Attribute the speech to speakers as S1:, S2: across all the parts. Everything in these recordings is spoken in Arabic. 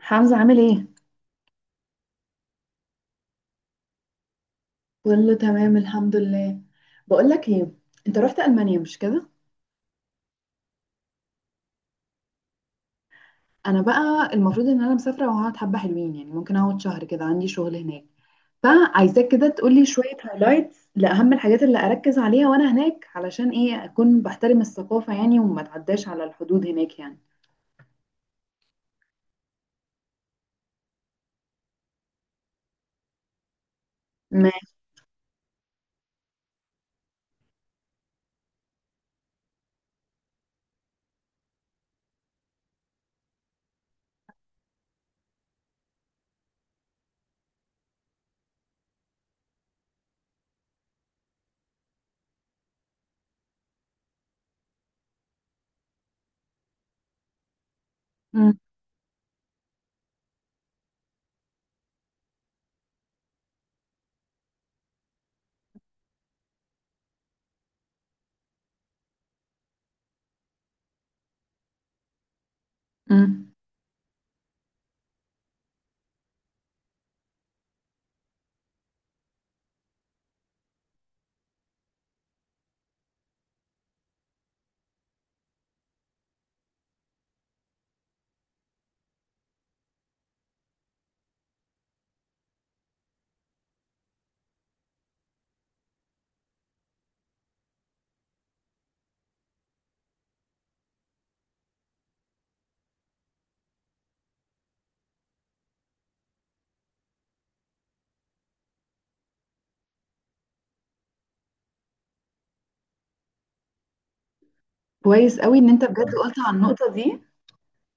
S1: حمزة عامل ايه؟ كله تمام الحمد لله. بقول لك ايه، انت رحت المانيا مش كده؟ انا بقى المفروض ان انا مسافره وهقعد حبه حلوين، يعني ممكن اقعد شهر كده، عندي شغل هناك. فعايزاك كده تقول لي شويه هايلايتس لاهم الحاجات اللي اركز عليها وانا هناك، علشان ايه اكون بحترم الثقافه يعني وما اتعداش على الحدود هناك يعني. ما مم. مم. كويس قوي ان انت بجد قلت على النقطه دي،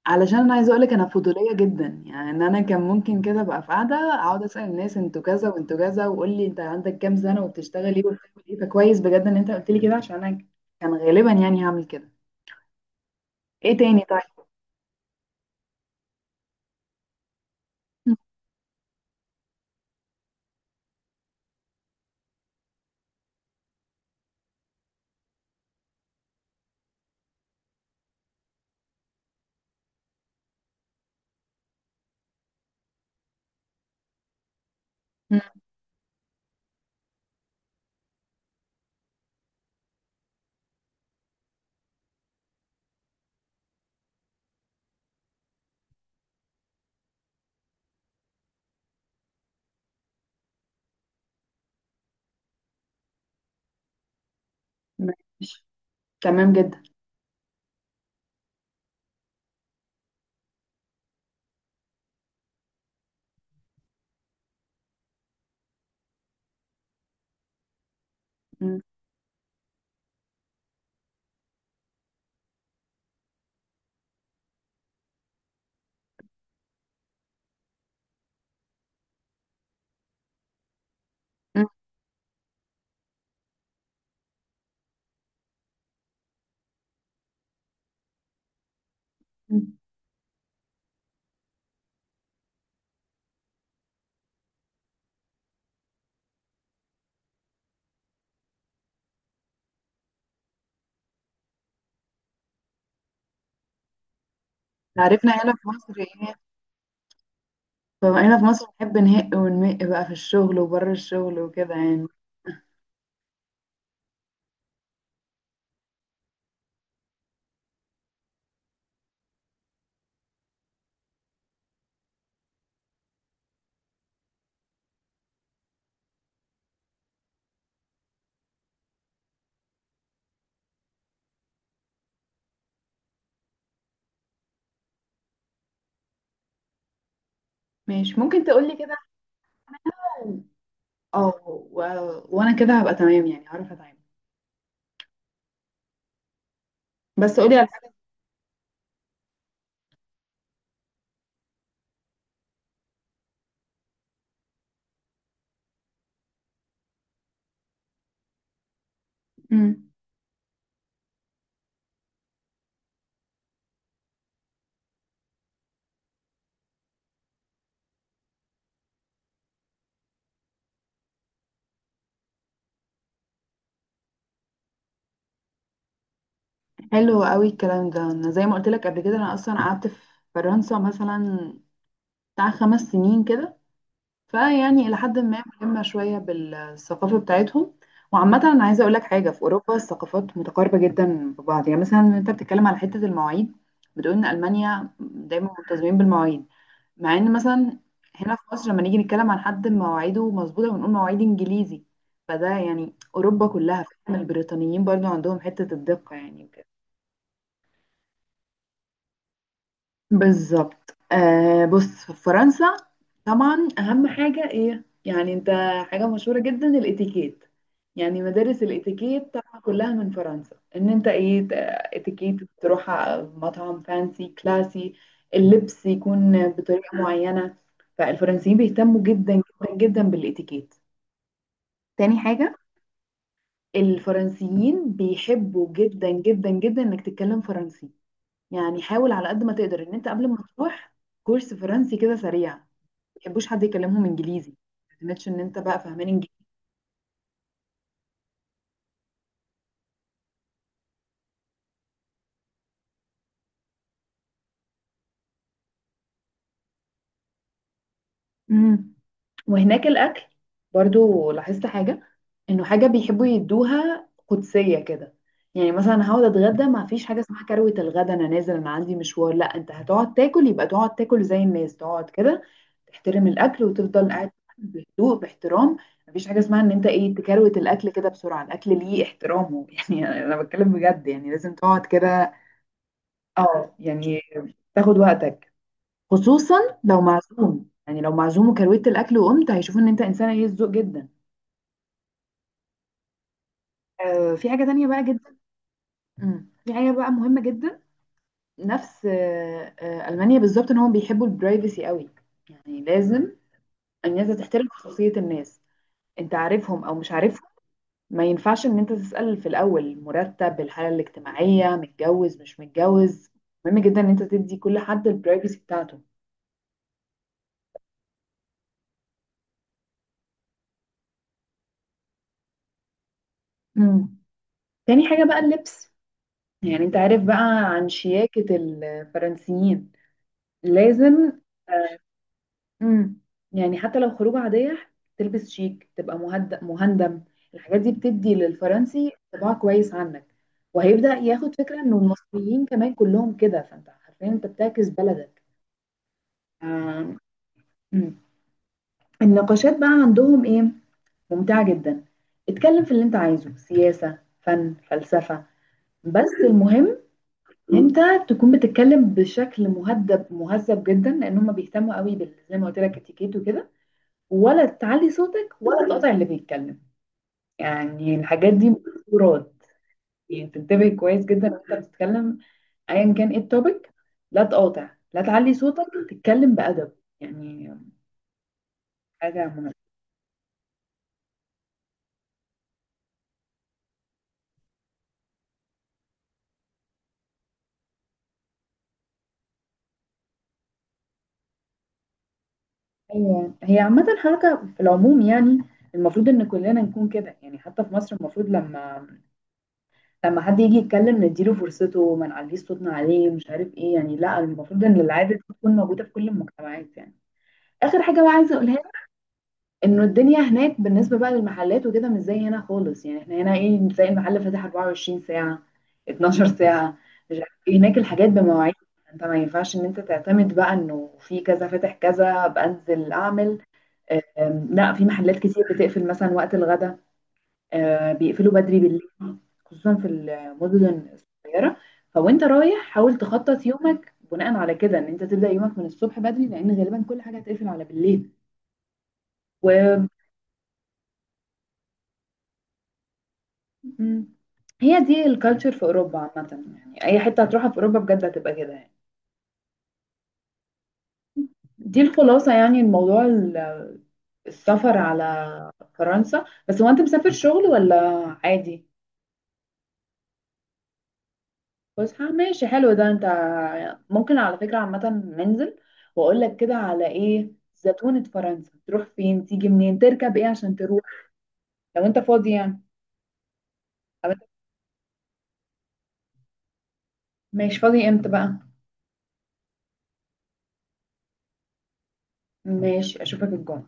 S1: علشان انا عايزه اقولك انا فضوليه جدا، يعني ان انا كان ممكن كده ابقى في قاعده اقعد اسال الناس انتوا كذا وانتوا كذا وقول لي انت عندك كام سنه وبتشتغل ايه وبتعمل ايه، فكويس بجد ان انت قلت لي كده عشان انا كان غالبا يعني هعمل كده. ايه تاني طيب؟ م- م- ماشي، تمام جدا. م- م- م. عرفنا هنا في مصر ايه، فهنا في مصر بنحب نهق ونمق بقى في الشغل وبره الشغل وكده يعني. ماشي، ممكن تقولي كده. اه، وانا كده هبقى تمام يعني هعرف اتعامل، بس قولي على حاجة. م. حلو قوي الكلام ده. انا زي ما قلت لك قبل كده انا اصلا قعدت في فرنسا مثلا بتاع 5 سنين كده، فيعني الى حد ما ملمه شويه بالثقافه بتاعتهم. وعامه انا عايزه اقول لك حاجه، في اوروبا الثقافات متقاربه جدا ببعض، يعني مثلا انت بتتكلم على حته المواعيد، بتقول ان المانيا دايما ملتزمين بالمواعيد، مع ان مثلا هنا في مصر لما نيجي نتكلم عن حد مواعيده مظبوطه بنقول مواعيد انجليزي، فده يعني اوروبا كلها فاهم، البريطانيين برضو عندهم حته الدقه يعني. بالظبط. بص، في فرنسا طبعا اهم حاجه ايه يعني انت، حاجه مشهوره جدا الاتيكيت، يعني مدارس الاتيكيت طبعا كلها من فرنسا، ان انت ايه اتيكيت تروح على مطعم فانسي كلاسي، اللبس يكون بطريقه معينه. فالفرنسيين بيهتموا جدا جدا جدا بالاتيكيت. تاني حاجه، الفرنسيين بيحبوا جدا جدا جدا انك تتكلم فرنسي، يعني حاول على قد ما تقدر ان انت قبل ما تروح كورس فرنسي كده سريع، ما تحبوش حد يكلمهم انجليزي، ما تعتمدش ان انت بقى فاهمان. مم. وهناك الأكل برضو لاحظت حاجة، إنه حاجة بيحبوا يدوها قدسية كده. يعني مثلا هقعد أتغدى ما فيش حاجة اسمها كروة الغدا أنا نازل أنا عندي مشوار، لا أنت هتقعد تاكل، يبقى تقعد تاكل زي الناس تقعد كده، تحترم الأكل وتفضل قاعد بهدوء باحترام. مفيش حاجة اسمها إن أنت إيه تكروت الأكل كده بسرعة، الأكل ليه احترامه يعني أنا بتكلم بجد يعني لازم تقعد كده. اه يعني، تاخد وقتك، خصوصا لو معزوم، يعني لو معزوم وكروت الاكل وقمت هيشوفوا ان انت انسانه هي الذوق جدا. في حاجه تانية بقى جدا، مم. في حاجه بقى مهمه جدا، نفس المانيا بالظبط، ان هم بيحبوا البرايفسي قوي، يعني لازم الناس ده تحترم خصوصيه الناس، انت عارفهم او مش عارفهم، ما ينفعش ان انت تسال في الاول مرتب، الحاله الاجتماعيه، متجوز مش متجوز، مهم جدا ان انت تدي كل حد البرايفسي بتاعته. مم. تاني حاجه بقى اللبس، يعني انت عارف بقى عن شياكة الفرنسيين، لازم. امم، يعني حتى لو خروجة عادية تلبس شيك، تبقى مهدأ مهندم. الحاجات دي بتدي للفرنسي انطباع كويس عنك، وهيبدأ ياخد فكرة انه المصريين كمان كلهم كده، فانت حرفيا انت بتعكس بلدك. آم، مم. النقاشات بقى عندهم ايه، ممتعة جدا. اتكلم في اللي انت عايزه، سياسة، فن، فلسفة، بس المهم انت تكون بتتكلم بشكل مهذب، مهذب جدا، لان هم بيهتموا قوي بال زي ما قلت لك اتيكيت وكده، ولا تعلي صوتك ولا تقطع اللي بيتكلم، يعني الحاجات دي محظورات. يعني تنتبه كويس جدا وانت بتتكلم ايا كان ايه التوبيك، لا تقاطع، لا تعلي صوتك، تتكلم بأدب يعني، حاجة مهمة. هي هي عامة حركة في العموم يعني، المفروض ان كلنا نكون كده يعني، حتى في مصر المفروض لما حد يجي يتكلم نديله فرصته، ما نعليش صوتنا عليه مش عارف ايه، يعني لا المفروض ان العادة دي تكون موجودة في كل المجتمعات يعني. اخر حاجة بقى عايزة اقولها لك، انه الدنيا هناك بالنسبة بقى للمحلات وكده مش زي هنا خالص، يعني احنا هنا ايه تلاقي المحل فاتح 24 ساعة، 12 ساعة، مش عارف ايه، هناك الحاجات بمواعيد، انت ما ينفعش ان انت تعتمد بقى انه في كذا فاتح كذا بنزل اعمل. لا في محلات كتير بتقفل مثلا وقت الغدا، بيقفلوا بدري بالليل، خصوصا في المدن الصغيرة. فوانت رايح حاول تخطط يومك بناء على كده، ان انت تبدأ يومك من الصبح بدري لان غالبا كل حاجة هتقفل على بالليل. و مم. هي دي الكالتشر في اوروبا عامة يعني، اي حتة هتروحها في اوروبا بجد هتبقى كده يعني، دي الخلاصة. يعني الموضوع السفر على فرنسا، بس هو انت مسافر شغل ولا عادي؟ فسحة، ماشي حلو. ده انت ممكن على فكرة عامة ننزل واقول لك كده على ايه زتونة فرنسا، تروح فين، تيجي منين، تركب ايه عشان تروح، لو انت فاضي يعني. طب ماشي، فاضي امتى بقى؟ ماشي، اشوفك الجمعة.